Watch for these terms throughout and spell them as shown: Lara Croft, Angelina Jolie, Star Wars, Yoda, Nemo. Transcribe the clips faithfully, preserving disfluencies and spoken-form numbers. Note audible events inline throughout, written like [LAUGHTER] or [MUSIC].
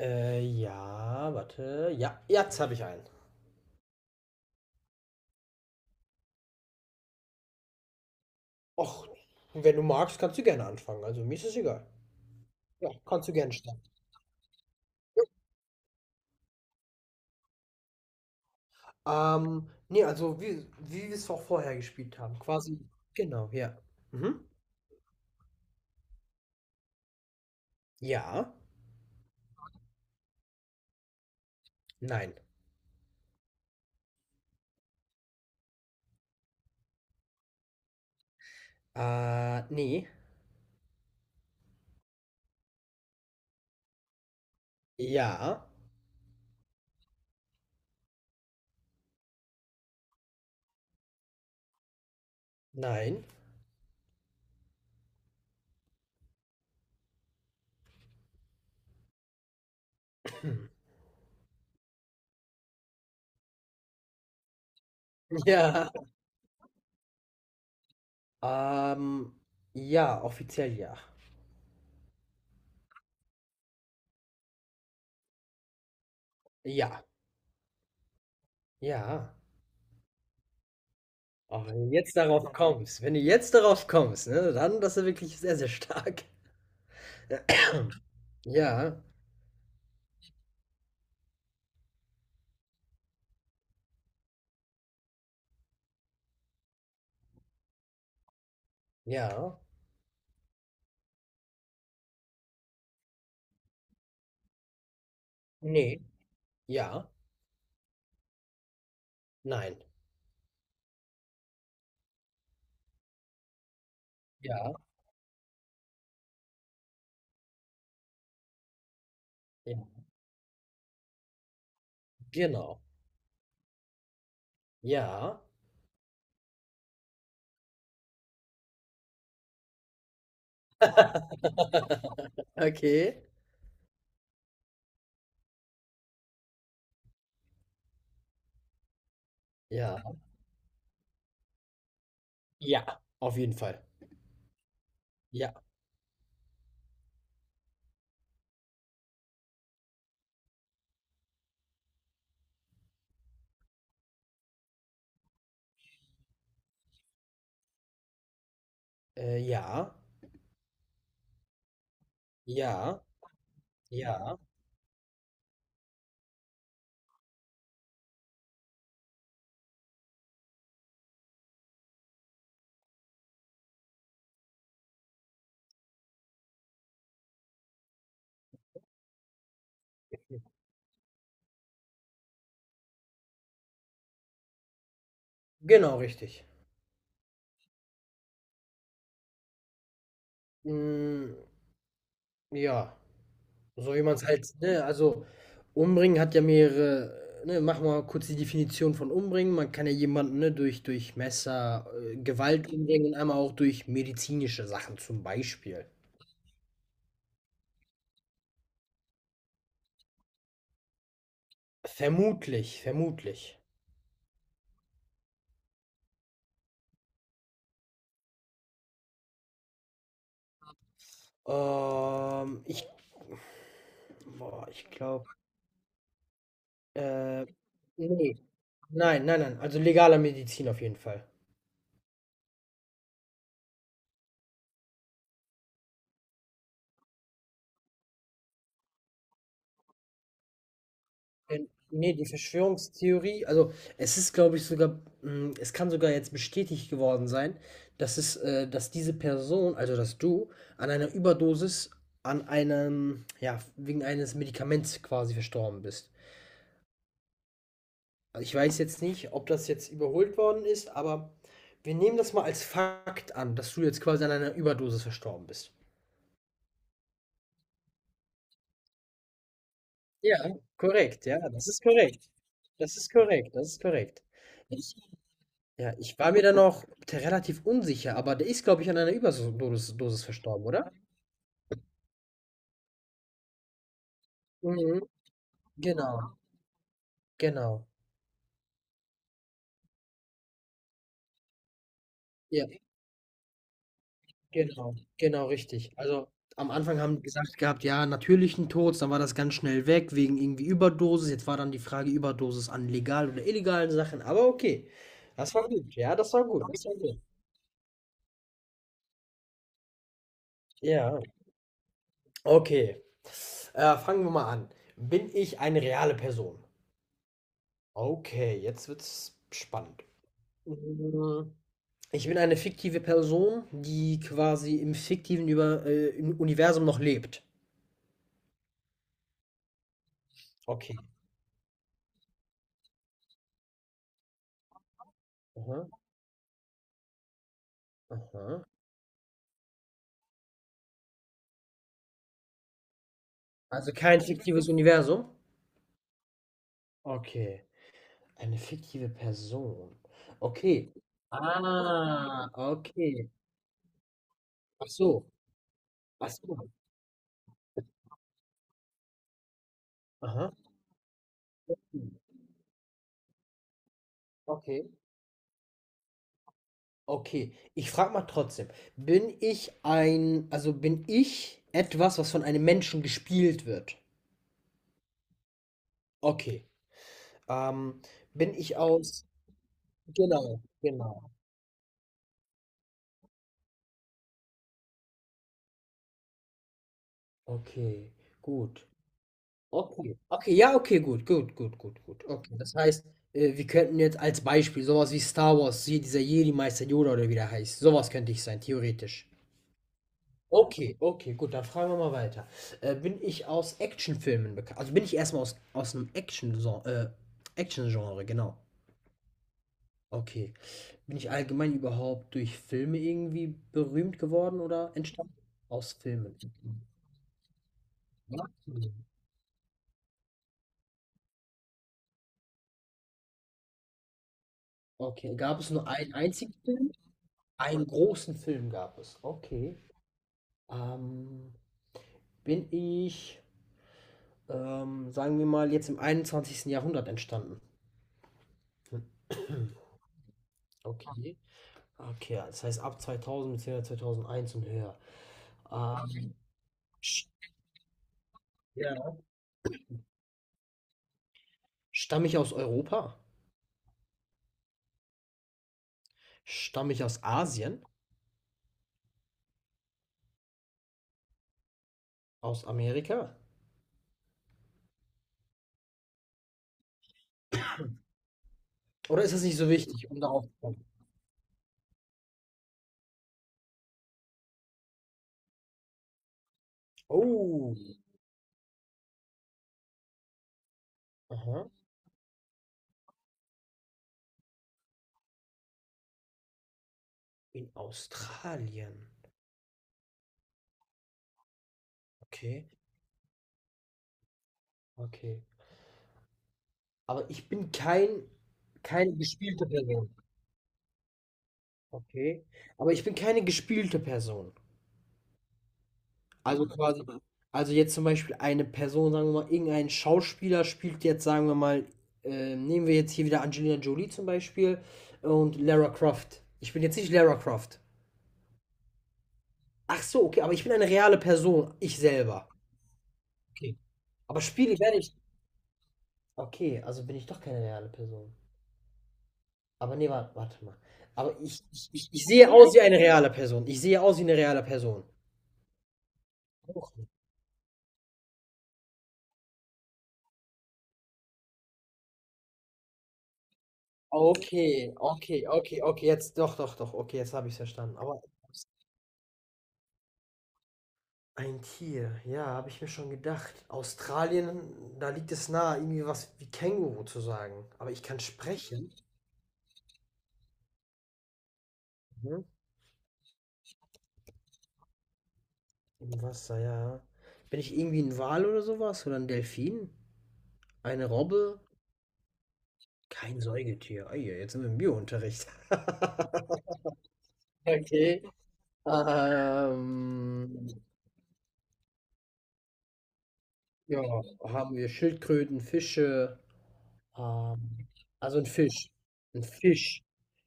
Äh, ja, warte. Ja, jetzt habe ich einen. Och, wenn du magst, kannst du gerne anfangen. Also mir ist es egal. Ja, kannst du gerne starten. Ähm, nee, also wie, wie wir es auch vorher gespielt haben. Quasi. Genau, ja. Mhm. Ja. Nein. Äh, nee. Ja. Nein. [LAUGHS] Ja. Ähm, ja, offiziell ja. Ja. Ja. Aber wenn du jetzt darauf kommst, wenn du jetzt darauf kommst, ne, dann, das ist wirklich sehr, sehr stark. [LAUGHS] Ja. Ja, ne, ja, nein, ja, ja, genau, ja, okay, ja, ja, auf jeden Fall, ja, äh, ja, ja, ja, genau richtig. Mm, ja, so jemand halt, ne, also umbringen hat ja mehrere, ne, mach mal kurz die Definition von umbringen. Man kann ja jemanden, ne, durch, durch Messer, äh, Gewalt umbringen und einmal auch durch medizinische Sachen zum Beispiel. Vermutlich, vermutlich. Ähm, ich boah, Ich glaube, äh, ne. Nein, nein, nein, also legaler Medizin auf jeden Fall. Denn ne, die Verschwörungstheorie also, es ist, glaube ich, sogar hm, es kann sogar jetzt bestätigt geworden sein, dass es äh, dass diese Person, also dass du, an einer Überdosis an einem ja, wegen eines Medikaments quasi verstorben bist. Also ich weiß jetzt nicht, ob das jetzt überholt worden ist, aber wir nehmen das mal als Fakt an, dass du jetzt quasi an einer Überdosis verstorben bist. Ja. Korrekt, ja, das ist korrekt. Das ist korrekt, das ist korrekt. Ich, ja, ich war mir da noch te- relativ unsicher, aber der ist, glaube ich, an einer Überdosis Dosis verstorben, oder? Mhm. Genau, genau. Ja. Genau, genau richtig. Also, am Anfang haben die gesagt gehabt: „Ja, natürlichen Tod“, dann war das ganz schnell weg wegen irgendwie Überdosis. Jetzt war dann die Frage Überdosis an legalen oder illegalen Sachen, aber okay. Das war gut. Ja, das war gut. Das war gut. Ja. Okay. Äh, fangen wir mal an. Bin ich eine reale Person? Okay, jetzt wird's spannend. Hm, ich bin eine fiktive Person, die quasi im fiktiven Über äh, im Universum noch lebt. Okay. Aha, aha. Also kein fiktives Universum? Okay, eine fiktive Person. Okay. Ah, okay. Ach so, ach so. Aha. Hm. Okay, okay. Ich frage mal trotzdem, bin ich ein, also bin ich etwas, was von einem Menschen gespielt wird? Okay. Ähm, bin ich aus, genau, genau. Okay, gut. Okay, okay, ja, okay, gut, gut, gut, gut, gut. Okay, das heißt, äh, wir könnten jetzt als Beispiel sowas wie Star Wars, hier dieser Jedi-Meister Yoda oder wie der heißt, sowas könnte ich sein, theoretisch. Okay, okay, gut, dann fragen wir mal weiter. Äh, bin ich aus Actionfilmen bekannt? Also bin ich erstmal aus, aus einem Action-Genre, äh, Action-Genre, genau. Okay. Bin ich allgemein überhaupt durch Filme irgendwie berühmt geworden oder entstanden? Aus Filmen. Okay, gab es nur einen einzigen Film? Einen großen Film gab es. Okay. Ähm, bin ich, ähm, Sagen wir mal, jetzt im einundzwanzigsten Jahrhundert entstanden. Okay. Okay, das heißt ab zweitausend, bzw. zweitausendeins und höher. Ähm, sch- ja. Stamme ich aus Europa? Stamme ich aus Asien? Aus Amerika? Oder ist das nicht so wichtig, um darauf zu kommen? Oh, aha. In Australien. Okay, okay. Aber ich bin kein, keine gespielte Person. Okay. Aber ich bin keine gespielte Person. Also Mhm. quasi, also jetzt zum Beispiel eine Person, sagen wir mal, irgendein Schauspieler spielt jetzt, sagen wir mal, äh, nehmen wir jetzt hier wieder Angelina Jolie zum Beispiel und Lara Croft. Ich bin jetzt nicht Lara Croft. Ach so, okay, aber ich bin eine reale Person, ich selber. Okay. Aber Spiele werde ich. Okay, also bin ich doch keine reale Person. Aber nee, warte, warte mal. Aber ich, ich, ich, ich sehe aus wie eine reale Person. Ich sehe aus wie eine reale Person. Okay, okay, okay, okay, jetzt doch, doch, doch, okay, jetzt habe ich es verstanden. Aber ein Tier, ja, habe ich mir schon gedacht. Australien, da liegt es nahe, irgendwie was wie Känguru zu sagen. Aber ich kann sprechen. Mhm. Im Wasser, ja. Bin ich irgendwie ein Wal oder sowas? Oder ein Delfin? Eine Robbe? Kein Säugetier. Ei, jetzt sind wir im Biounterricht. [LAUGHS] Okay. Ähm, ja, haben wir Schildkröten, Fische, Ähm, also ein Fisch. Ein Fisch.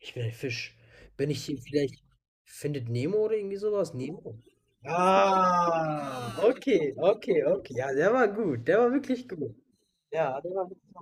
Ich bin ein Fisch. Bin ich hier vielleicht Findet Nemo oder irgendwie sowas? Nemo? Ah, okay, okay, okay. Ja, der war gut. Der war wirklich gut. Ja, der war